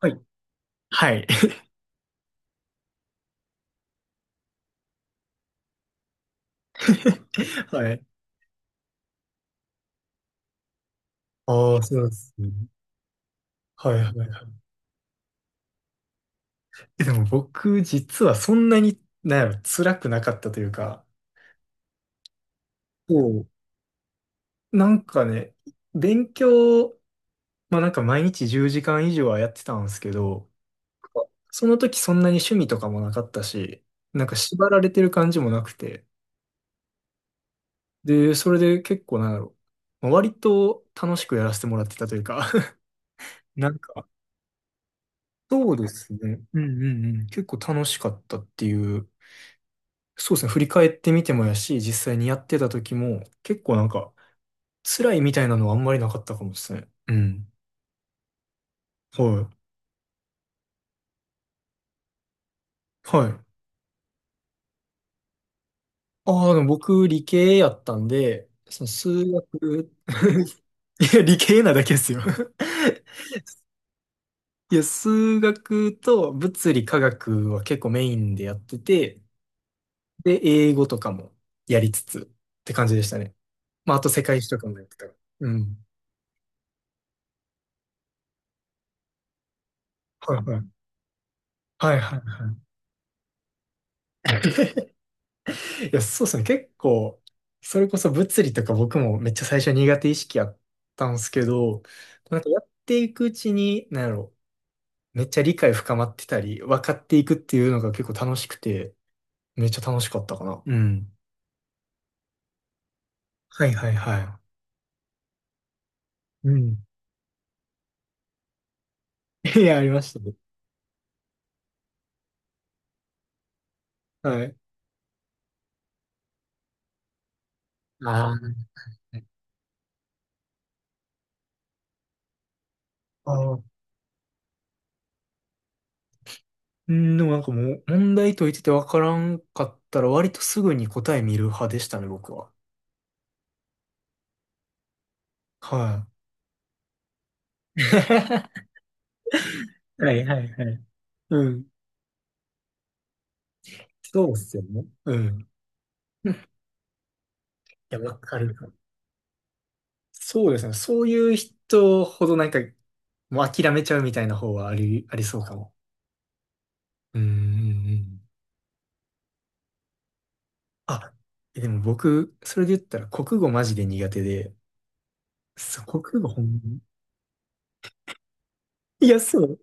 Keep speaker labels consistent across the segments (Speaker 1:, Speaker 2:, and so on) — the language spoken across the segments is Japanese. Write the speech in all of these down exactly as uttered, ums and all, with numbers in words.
Speaker 1: はい。はい。はい。ああ、そうなんですね。はいはいはい。えでも僕、実はそんなに、なんやろ、辛くなかったというか、こう、なんかね、勉強、まあなんか毎日じゅうじかん以上はやってたんですけど、その時そんなに趣味とかもなかったし、なんか縛られてる感じもなくて、で、それで結構なんやろ、まあ割と楽しくやらせてもらってたというか、 なんか、そうですね。うんうんうん。結構楽しかったっていう。そうですね。振り返ってみてもやし、実際にやってた時も、結構なんか、辛いみたいなのはあんまりなかったかもですね。うん。はい。はい。ああ、でも僕、理系やったんで、その数学、いや、理系なだけですよ。いや、数学と物理科学は結構メインでやってて、で、英語とかもやりつつって感じでしたね。まあ、あと世界史とかもやってた。うん。はいはい。はいはいはい。いや、そうですね。結構、それこそ物理とか僕もめっちゃ最初苦手意識あったんですけど、なんかやっていくうちに、なんやろ、めっちゃ理解深まってたり、分かっていくっていうのが結構楽しくて、めっちゃ楽しかったかな。うん。はいはいはい。うん。いや、ありましたね。はい。あーあー。うん、でもなんかもう、問題解いてて分からんかったら、割とすぐに答え見る派でしたね、僕は。はい。はいはいはい。うん。そうっすよね。うん。いや、わかる。そうですね。そういう人ほどなんか、もう諦めちゃうみたいな方はあり、ありそうかも。うんうんうん。あ、えでも僕、それで言ったら国語マジで苦手で、そう、国語ほんまに。いや、そう。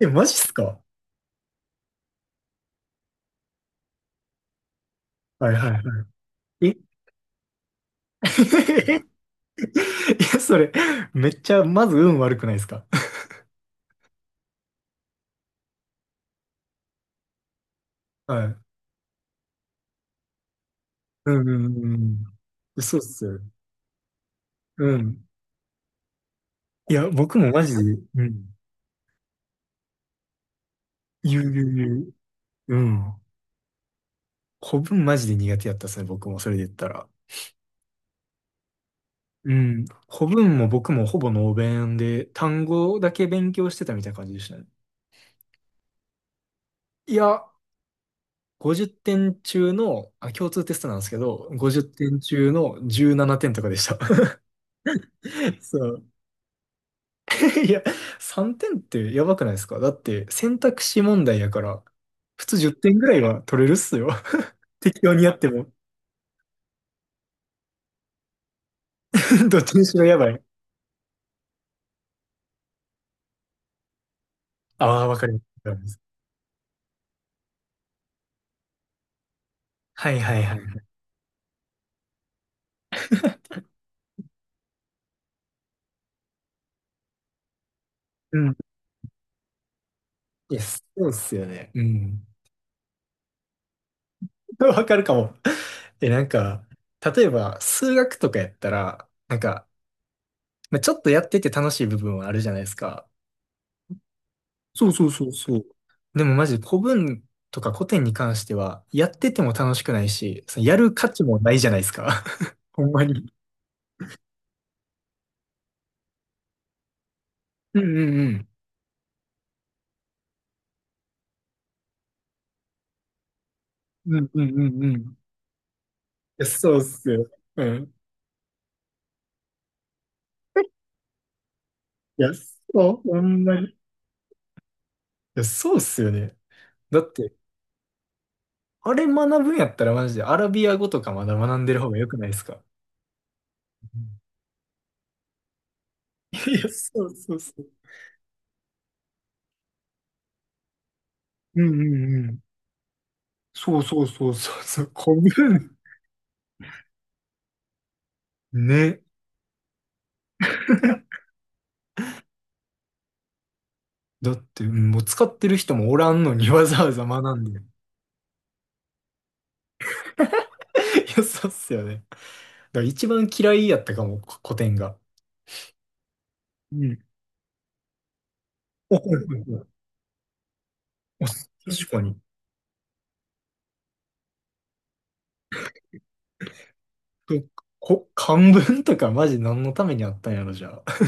Speaker 1: え、マジっすか？はいはいはい。え いや、それ、めっちゃ、まず運悪くないですか？はい。うんうんうんうん。そうっすよ。うん。いや、僕もマジで、うん。言う言う言う。うん。古文マジで苦手やったですね、僕もそれで言ったら。うん。古文も僕もほぼノー弁で、単語だけ勉強してたみたいな感じでしたね。いや、ごじゅってん中の、あ、共通テストなんですけど、ごじゅってん中のじゅうななてんとかでした。そう。いや、さんてんってやばくないですか？だって選択肢問題やから、普通じってんぐらいは取れるっすよ。適当にやっても。どっちにしろやばい。ああ、わかります。はいはいはい。うん。いや、そうっすよね。うん。わかるかも。え、なんか、例えば、数学とかやったら、なんか、まあ、ちょっとやってて楽しい部分はあるじゃないですか。そうそうそうそう。でもマジで古文とか古典に関しては、やってても楽しくないし、そのやる価値もないじゃないですか。ほんまに。うんうんうんうんうんうんうん。いや、そうっすよ。うん。いや、そう、ほんまに。いや、そうっすよね。だって、あれ学ぶんやったらマジでアラビア語とかまだ学んでる方が良くないですか？うん。いや、そうそうそう。うんうんうん。そうそうそうそうそう。古文。ね。だって、うん。もう使ってる人もおらんのにわざわざ学んで。いや、そうっすよね。だから一番嫌いやったかも、こ古典が。うん。お、はいはいはい。お、確かに。そう。こ、漢文とかマジ何のためにあったんやろ、じゃあ。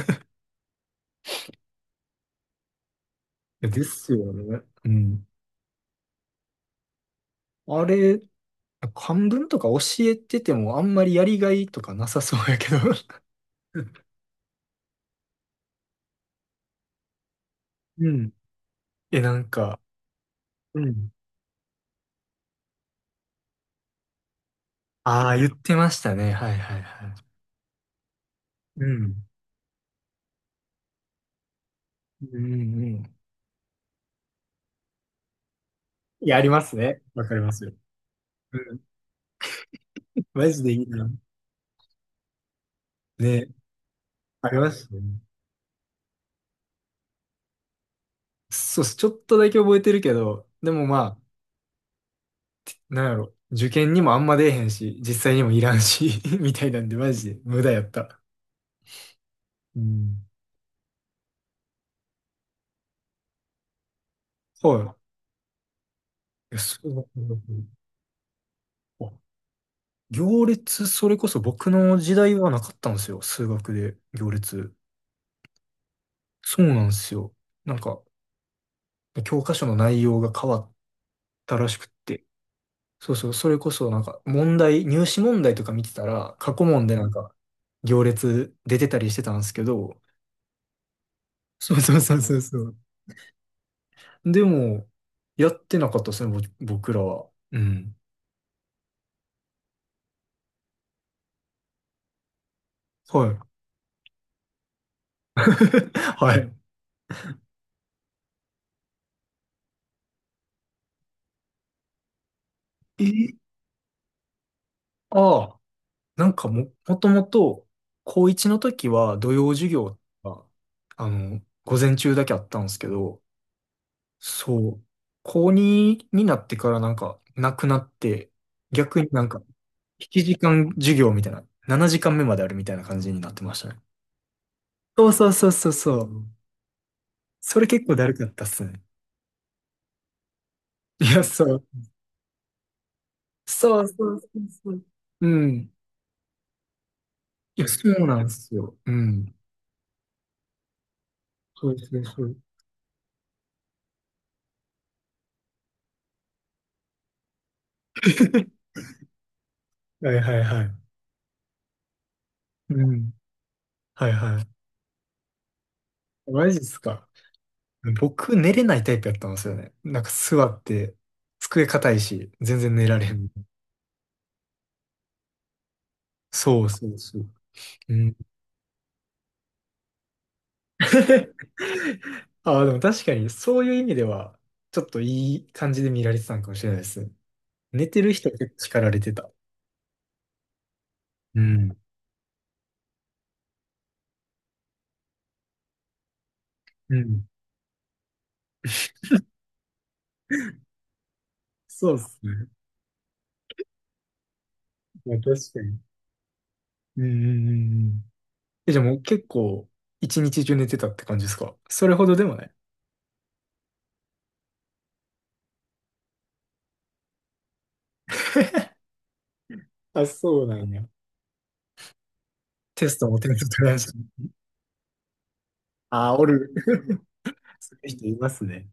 Speaker 1: いやですよね。うん。あれ、漢文とか教えててもあんまりやりがいとかなさそうやけど。うん。え、なんか、うん。ああ、言ってましたね。はいはいはい。うん。うんうん。いや、ありますね。わかりますよ。うん。マジでいいな。ね。ありましたね。そうっす。ちょっとだけ覚えてるけど、でもまあ、なんやろ。受験にもあんま出えへんし、実際にもいらんし みたいなんで、マジで無駄やった。うん。はい。いや、数学のあ行列、それこそ僕の時代はなかったんですよ。数学で行列。そうなんですよ。なんか、教科書の内容が変わったらしくって。そうそう、それこそなんか問題、入試問題とか見てたら、過去問でなんか行列出てたりしてたんですけど、そうそうそうそうそう。でも、やってなかったですね、ぼ僕らは。うん。はい。はい。え、ああ、なんかも、もともと、高いちの時は土曜授業が、あの、午前中だけあったんですけど、そう。高にになってからなんかなくなって、逆になんかななじかん授業みたいな、ななじかんめまであるみたいな感じになってましたね。そうそうそうそうそう。それ結構だるかったっすね。いや、そう。そうそうそうそう。うん。いや、そうなんですよ。うん。そうそうそう。はいはいはい。うん。はいはい。マジっすか。僕、寝れないタイプやったんですよね。なんか座って、机硬いし、全然寝られへん。そうそうそう。うん。ああ、でも確かにそういう意味では、ちょっといい感じで見られてたのかもしれないです。寝てる人結構叱られてた。うん。うん。そうですね。いや、確かに。うんうんうんうん。え、じゃあもう結構、一日中寝てたって感じですか？それほどでもない。あ、そうなんや。テストも点数取らんし。ああ、おる。そういう人いますね。